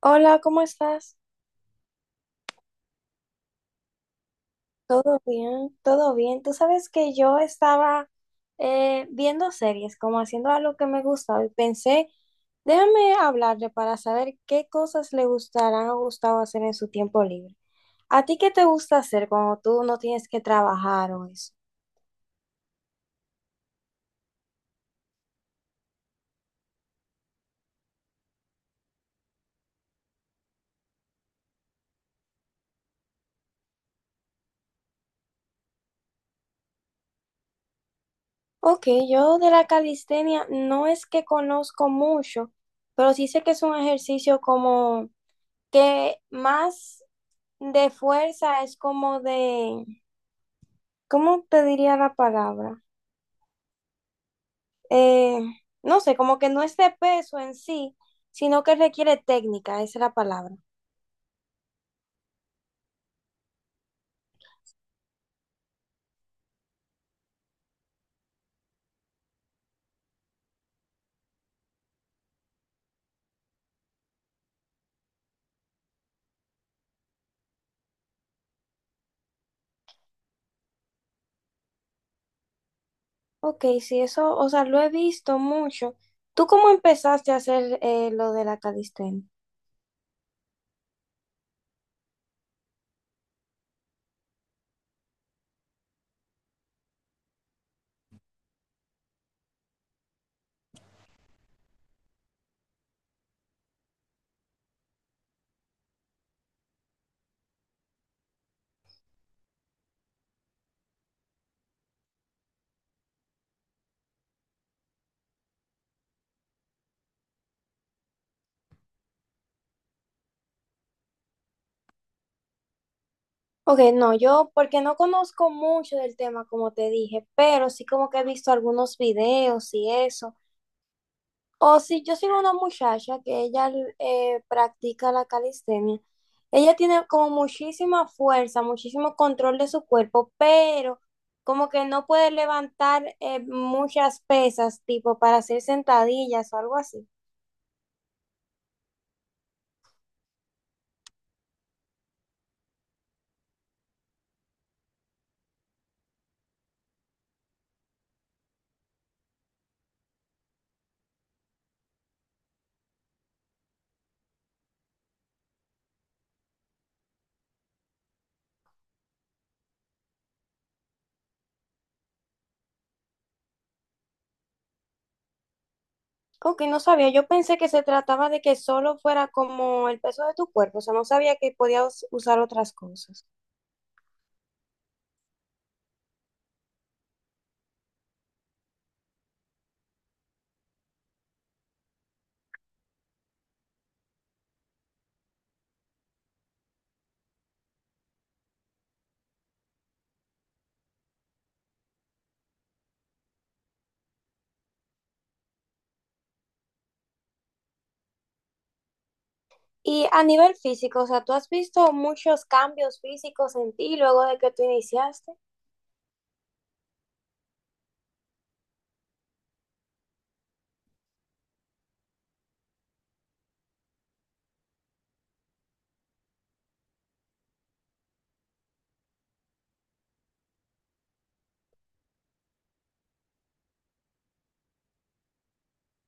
Hola, ¿cómo estás? ¿Todo bien? ¿Todo bien? Tú sabes que yo estaba viendo series, como haciendo algo que me gustaba y pensé, déjame hablarle para saber qué cosas le gustarán o gustaba hacer en su tiempo libre. ¿A ti qué te gusta hacer cuando tú no tienes que trabajar o eso? Ok, yo de la calistenia no es que conozco mucho, pero sí sé que es un ejercicio como que más de fuerza es como de. ¿Cómo te diría la palabra? Eh, no sé, como que no es de peso en sí, sino que requiere técnica, esa es la palabra. Ok, sí, eso, o sea, lo he visto mucho. ¿Tú cómo empezaste a hacer lo de la calistenia? Ok, no, yo porque no conozco mucho del tema, como te dije, pero sí como que he visto algunos videos y eso. O si yo sigo una muchacha que ella practica la calistenia, ella tiene como muchísima fuerza, muchísimo control de su cuerpo, pero como que no puede levantar muchas pesas, tipo para hacer sentadillas o algo así. Como que no sabía, yo pensé que se trataba de que solo fuera como el peso de tu cuerpo, o sea, no sabía que podías usar otras cosas. Y a nivel físico, o sea, ¿tú has visto muchos cambios físicos en ti luego de que tú iniciaste?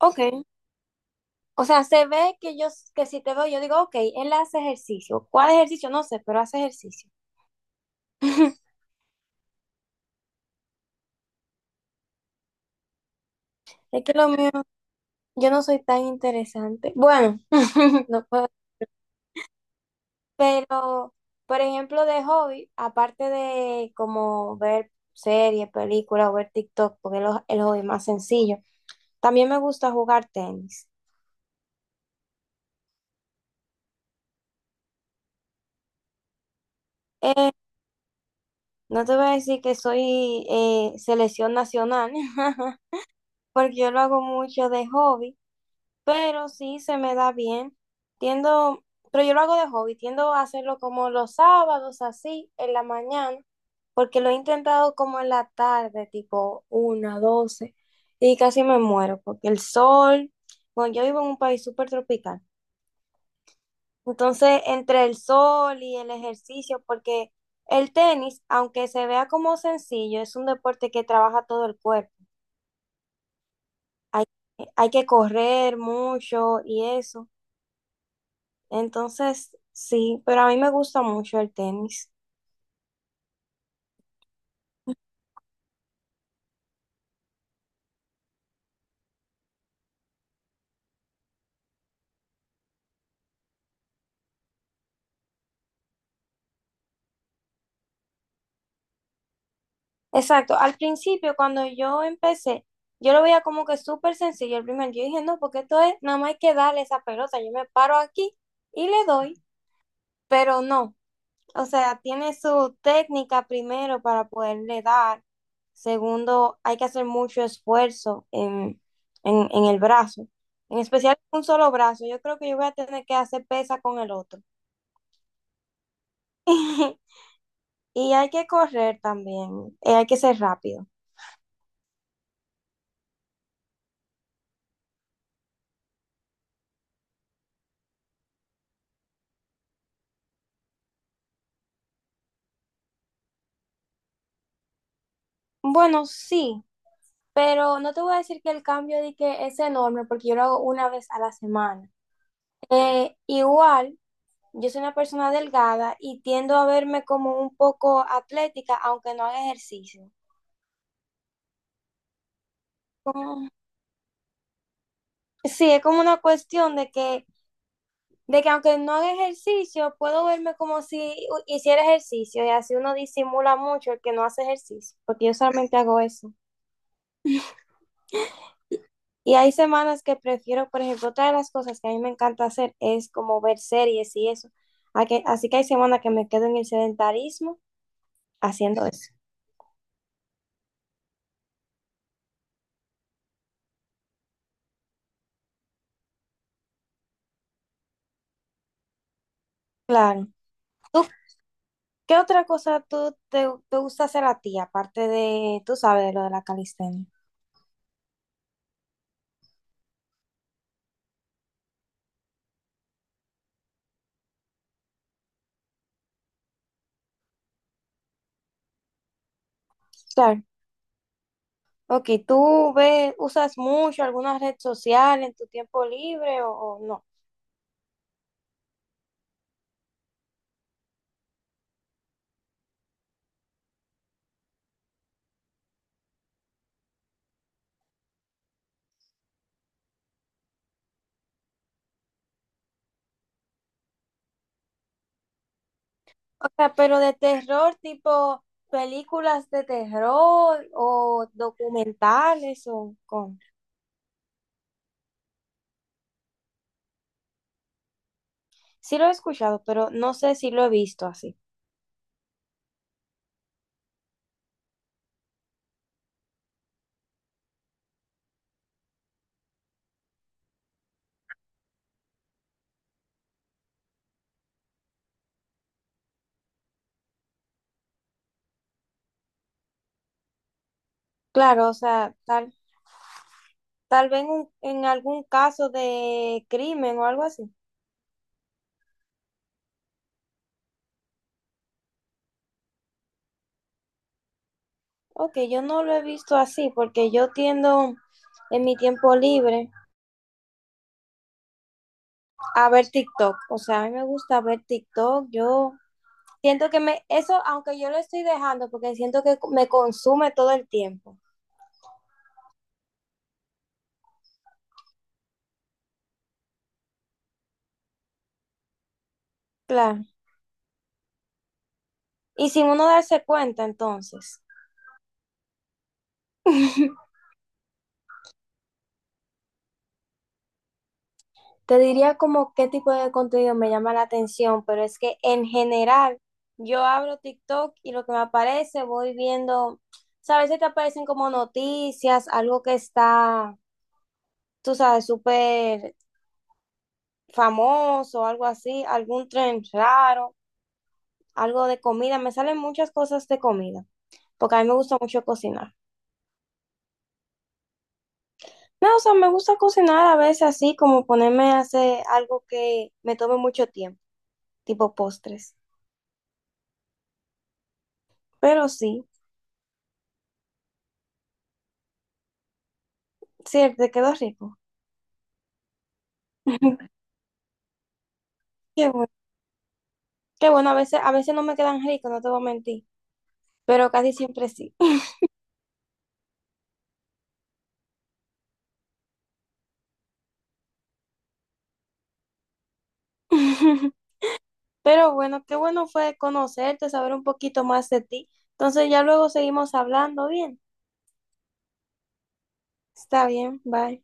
Ok. O sea, se ve que yo, que si te veo, yo digo, ok, él hace ejercicio. ¿Cuál ejercicio? No sé, pero hace ejercicio. Es que lo mío, yo no soy tan interesante. Bueno, no puedo. Pero, por ejemplo, de hobby, aparte de como ver series, películas o ver TikTok, porque es lo- el hobby más sencillo, también me gusta jugar tenis. No te voy a decir que soy selección nacional, porque yo lo hago mucho de hobby. Pero sí se me da bien. Tiendo, pero yo lo hago de hobby, tiendo a hacerlo como los sábados, así, en la mañana, porque lo he intentado como en la tarde, tipo una, doce, y casi me muero, porque el sol, bueno, yo vivo en un país súper tropical. Entonces, entre el sol y el ejercicio, porque el tenis, aunque se vea como sencillo, es un deporte que trabaja todo el cuerpo. Hay, hay que correr mucho y eso. Entonces, sí, pero a mí me gusta mucho el tenis. Exacto, al principio cuando yo empecé, yo lo veía como que súper sencillo el primer día. Yo dije, no, porque esto es, nada más hay que darle esa pelota, yo me paro aquí y le doy, pero no. O sea, tiene su técnica primero para poderle dar. Segundo, hay que hacer mucho esfuerzo en el brazo. En especial un solo brazo. Yo creo que yo voy a tener que hacer pesa con el otro. Y hay que correr también, hay que ser rápido. Bueno, sí, pero no te voy a decir que el cambio de que es enorme porque yo lo hago una vez a la semana. Igual, yo soy una persona delgada y tiendo a verme como un poco atlética, aunque no haga ejercicio. Como- sí, es como una cuestión de que. De que aunque no haga ejercicio, puedo verme como si hu- hiciera ejercicio y así uno disimula mucho el que no hace ejercicio, porque yo solamente hago eso. Y hay semanas que prefiero, por ejemplo, otra de las cosas que a mí me encanta hacer es como ver series y eso. A que- Así que hay semanas que me quedo en el sedentarismo haciendo eso. Claro. ¿Tú qué otra cosa tú te, te gusta hacer a ti, aparte de, tú sabes, de lo de la calistenia? Claro. Ok, ¿tú ves, usas mucho alguna red social en tu tiempo libre o no? O sea, pero de terror, tipo películas de terror o documentales o con... Sí lo he escuchado, pero no sé si lo he visto así. Claro, o sea, tal, tal vez en, un- en algún caso de crimen o algo así. Ok, yo no lo he visto así porque yo tiendo en mi tiempo libre a ver TikTok. O sea, a mí me gusta ver TikTok, yo... Siento que me, eso, aunque yo lo estoy dejando, porque siento que me consume todo el tiempo. Claro. Y sin uno darse cuenta, entonces. Te diría como qué tipo de contenido me llama la atención, pero es que en general yo abro TikTok y lo que me aparece voy viendo, ¿sabes? A veces te aparecen como noticias, algo que está, tú sabes, súper famoso, algo así, algún tren raro, algo de comida. Me salen muchas cosas de comida, porque a mí me gusta mucho cocinar. No, o sea, me gusta cocinar a veces así, como ponerme a hacer algo que me tome mucho tiempo, tipo postres. Pero sí, sí, te quedó rico. Qué bueno, qué bueno, a veces no me quedan ricos, no te voy a mentir, pero casi siempre sí. Pero bueno, qué bueno fue conocerte, saber un poquito más de ti. Entonces ya luego seguimos hablando, bien. Está bien, bye.